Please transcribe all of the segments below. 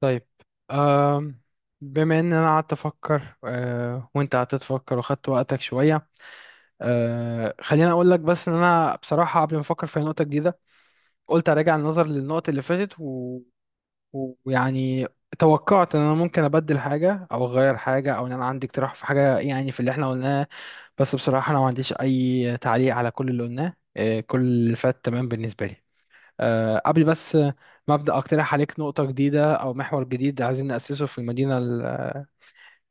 طيب. آم، بما ان انا قعدت افكر وانت قعدت تفكر واخدت وقتك شويه. خليني اقول لك بس ان انا بصراحه قبل ما افكر في نقطه جديده قلت اراجع النظر للنقط اللي فاتت ويعني توقعت ان انا ممكن ابدل حاجه او اغير حاجه او ان انا عندي اقتراح في حاجه يعني في اللي احنا قلناه. بس بصراحه انا ما عنديش اي تعليق على كل اللي قلناه، كل اللي فات تمام بالنسبه لي. قبل بس ما أبدأ أقترح عليك نقطة جديدة أو محور جديد عايزين نأسسه في المدينة ال-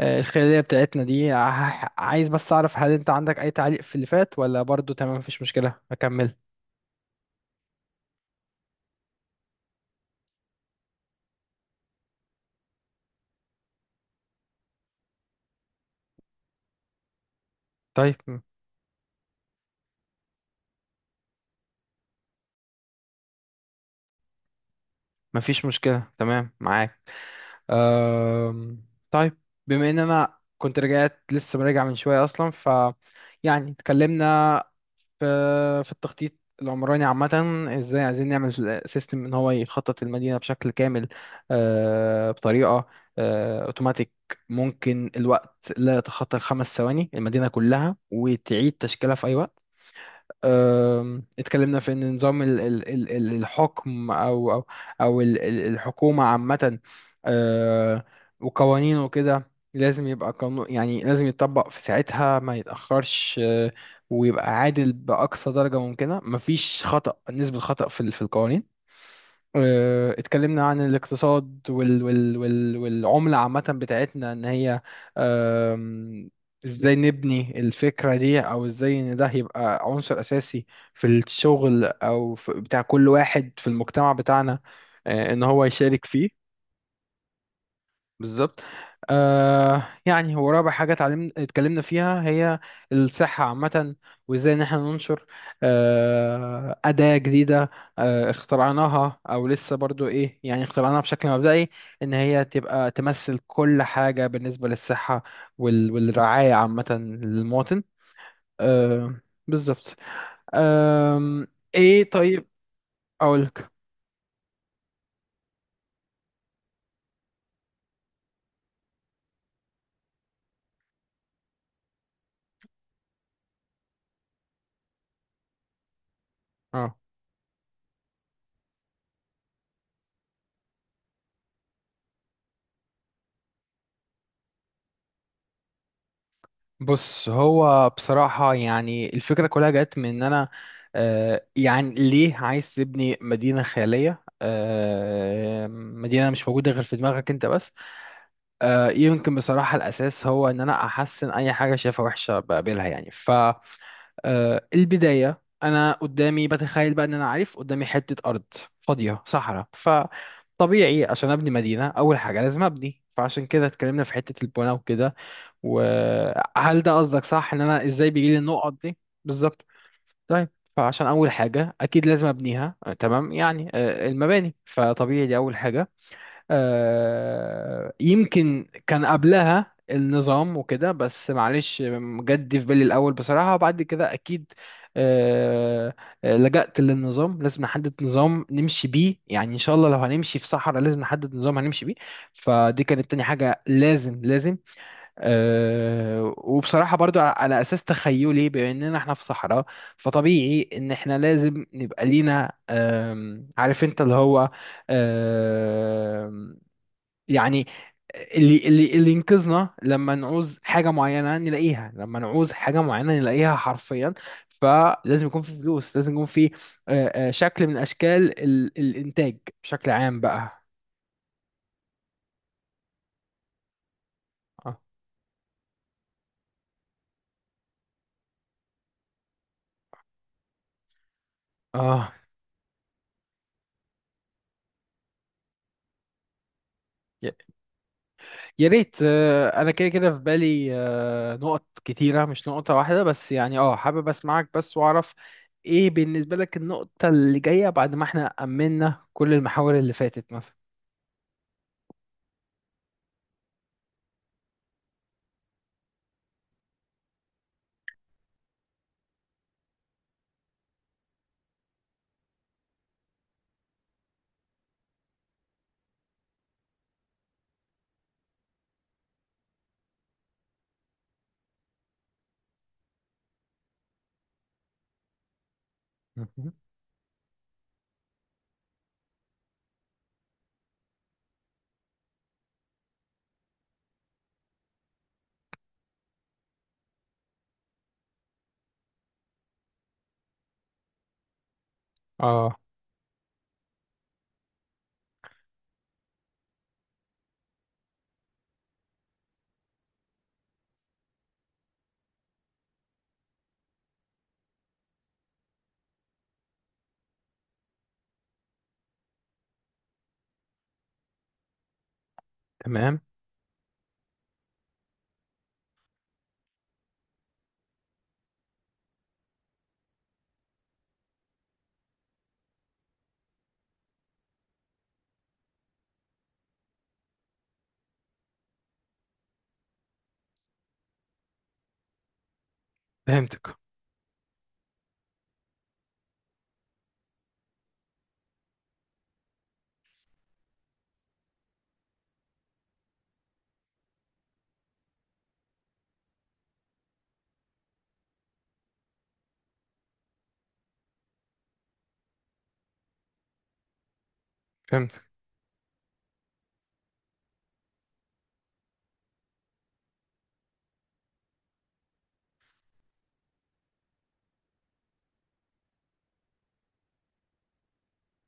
آه، الخيرية بتاعتنا دي، عايز بس أعرف هل أنت عندك أي تعليق في اللي فات ولا برضو تمام مفيش مشكلة أكمل؟ طيب. مفيش مشكلة تمام معاك. أم، طيب. بما ان انا كنت رجعت لسه راجع من شويه اصلا يعني اتكلمنا في في التخطيط العمراني عامه. ازاي عايزين نعمل سيستم ان هو يخطط المدينه بشكل كامل، بطريقه اوتوماتيك. ممكن الوقت لا يتخطى الخمس ثواني المدينه كلها وتعيد تشكيلها في اي وقت. اتكلمنا في ان نظام الحكم او الحكومه عامه، آه، وقوانينه وكده. لازم يبقى قانون يعني لازم يتطبق في ساعتها ما يتاخرش. ويبقى عادل باقصى درجه ممكنه مفيش خطا، نسبه خطا في القوانين. اتكلمنا عن الاقتصاد والعملة عامة بتاعتنا، ان هي... آم، ازاي نبني الفكرة دي او ازاي ان ده يبقى عنصر اساسي في الشغل او في بتاع كل واحد في المجتمع بتاعنا، ان هو يشارك فيه. بالظبط. يعني هو رابع حاجة اتكلمنا فيها هي الصحة عامة. وازاي ان احنا ننشر أداة جديدة اخترعناها او لسه برضو ايه يعني اخترعناها بشكل مبدئي، ان هي تبقى تمثل كل حاجة بالنسبة للصحة والرعاية عامة للمواطن. آه بالظبط. آم، ايه طيب. اقولك. بص هو بصراحة يعني الفكرة كلها جت من إن أنا، يعني ليه عايز تبني مدينة خيالية، مدينة مش موجودة غير في دماغك أنت بس. يمكن بصراحة الأساس هو إن أنا أحسن أي حاجة شايفها وحشة بقابلها يعني. فالبداية أنا قدامي بتخيل بقى إن أنا عارف قدامي حتة أرض فاضية صحراء. فطبيعي عشان أبني مدينة أول حاجة لازم أبني، فعشان كده اتكلمنا في حتة البناء وكده. وهل ده قصدك؟ صح، ان انا ازاي بيجي لي النقط دي. بالظبط. طيب، فعشان اول حاجه اكيد لازم ابنيها، تمام يعني. المباني فطبيعي دي اول حاجه. يمكن كان قبلها النظام وكده بس معلش، جد في بالي الاول بصراحه. وبعد كده اكيد آه، لجأت للنظام. لازم نحدد نظام نمشي بيه، يعني ان شاء الله لو هنمشي في صحراء لازم نحدد نظام هنمشي بيه. فدي كانت تاني حاجه لازم لازم. وبصراحة برضو على أساس تخيلي بأننا احنا في صحراء. فطبيعي إن احنا لازم نبقى لينا، عارف انت اللي هو... أم، يعني اللي ينقذنا لما نعوز حاجة معينة نلاقيها، لما نعوز حاجة معينة نلاقيها حرفيا. فلازم يكون في فلوس، لازم يكون في أه، أه، شكل من أشكال الإنتاج بشكل عام بقى. اه. آه. يا ريت. انا كده كده في بالي نقط كتيره، مش نقطه واحده بس يعني. اه حابب اسمعك بس واعرف ايه بالنسبه لك النقطه اللي جايه، بعد ما احنا امنا كل المحاور اللي فاتت مثلا. مهم. اه. تمام. فهمتك. فهمتك.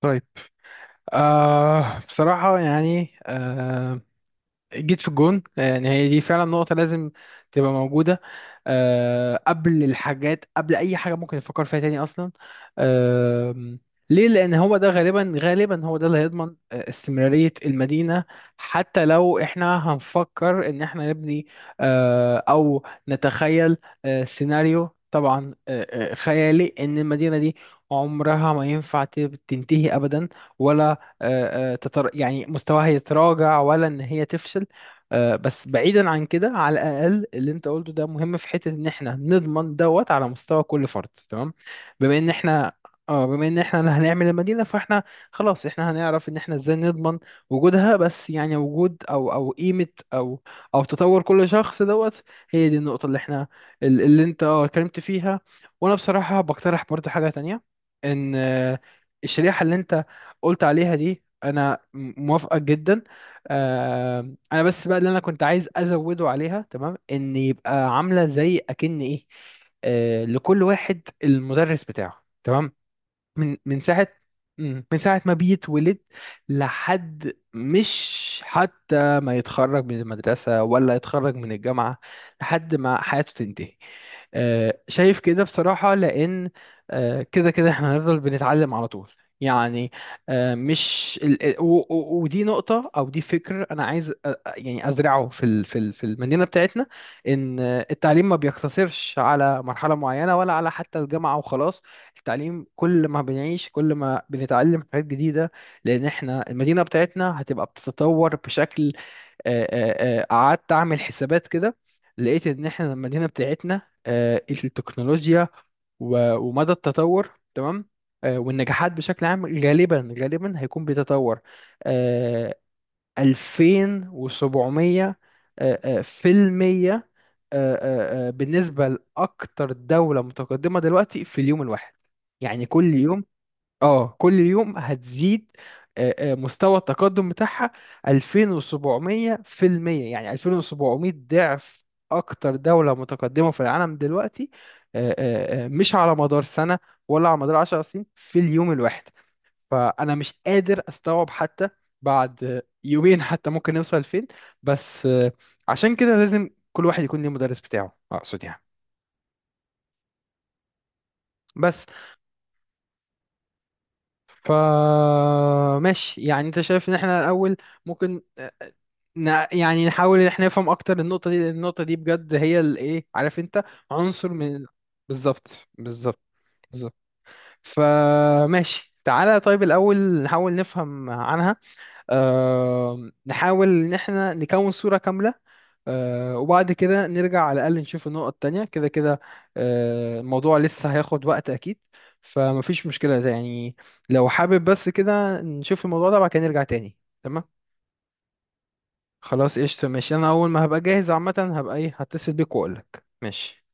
طيب بصراحه يعني، جيت في الجون. يعني هي دي فعلا نقطة لازم تبقى موجودة قبل الحاجات، قبل أي حاجة ممكن نفكر فيها تاني أصلا. أه ليه؟ لأن هو ده، غالبا غالبا هو ده اللي هيضمن استمرارية المدينة. حتى لو احنا هنفكر إن احنا نبني أو نتخيل سيناريو، طبعا خيالي، إن المدينة دي عمرها ما ينفع تنتهي أبدا. ولا يعني مستواها يتراجع، ولا ان هي تفشل. بس بعيدا عن كده، على الاقل اللي انت قلته ده مهم في حته ان احنا نضمن دوت على مستوى كل فرد، تمام. بما ان احنا اه بما ان احنا هنعمل المدينه فاحنا... خلاص احنا هنعرف ان احنا ازاي نضمن وجودها، بس يعني وجود او قيمه او او تطور كل شخص دوت. هي دي النقطه اللي احنا اللي انت اتكلمت فيها. وانا بصراحه بقترح برضو حاجه تانية، ان الشريحه اللي انت قلت عليها دي انا موافقه جدا. آه، انا بس بقى اللي انا كنت عايز ازوده عليها، تمام، ان يبقى عامله زي اكن ايه، لكل واحد المدرس بتاعه. تمام. من من ساعة مم. من ساعة ما بيتولد، لحد... مش حتى ما يتخرج من المدرسة ولا يتخرج من الجامعة، لحد ما حياته تنتهي. شايف كده بصراحة، لأن كده كده احنا هنفضل بنتعلم على طول يعني. مش ودي نقطة أو دي فكر أنا عايز يعني أزرعه في المدينة بتاعتنا، إن التعليم ما بيقتصرش على مرحلة معينة ولا على حتى الجامعة وخلاص. التعليم كل ما بنعيش كل ما بنتعلم حاجات جديدة، لأن احنا المدينة بتاعتنا هتبقى بتتطور بشكل... قعدت أعمل حسابات كده، لقيت إن احنا المدينة بتاعتنا التكنولوجيا ومدى التطور، تمام، والنجاحات بشكل عام غالبا غالبا هيكون بيتطور آه، 2700 في المية بالنسبة لأكتر دولة متقدمة دلوقتي، في اليوم الواحد. يعني كل يوم هتزيد مستوى التقدم بتاعها. 2700%، يعني 2700 ضعف اكتر دولة متقدمة في العالم دلوقتي. مش على مدار سنة ولا على مدار 10 سنين، في اليوم الواحد. فانا مش قادر استوعب حتى بعد يومين حتى ممكن نوصل فين. بس، عشان كده لازم كل واحد يكون ليه مدرس بتاعه، اقصد يعني. بس، فماشي يعني. انت شايف ان احنا الاول ممكن يعني نحاول ان احنا نفهم اكتر النقطة دي، لأن النقطة دي بجد هي الايه عارف انت، عنصر من... بالظبط بالظبط بالظبط. فماشي تعالى، طيب الاول نحاول نفهم عنها، نحاول ان احنا نكون صورة كاملة. وبعد كده نرجع على الأقل نشوف النقط التانية كده كده. الموضوع لسه هياخد وقت أكيد، فمفيش مشكلة ده يعني. لو حابب بس كده نشوف الموضوع ده بعد كده نرجع تاني. تمام. خلاص قشطة ماشي. أنا أول ما هبقى جاهز عامة هبقى إيه، هتصل بيك وأقولك. ماشي.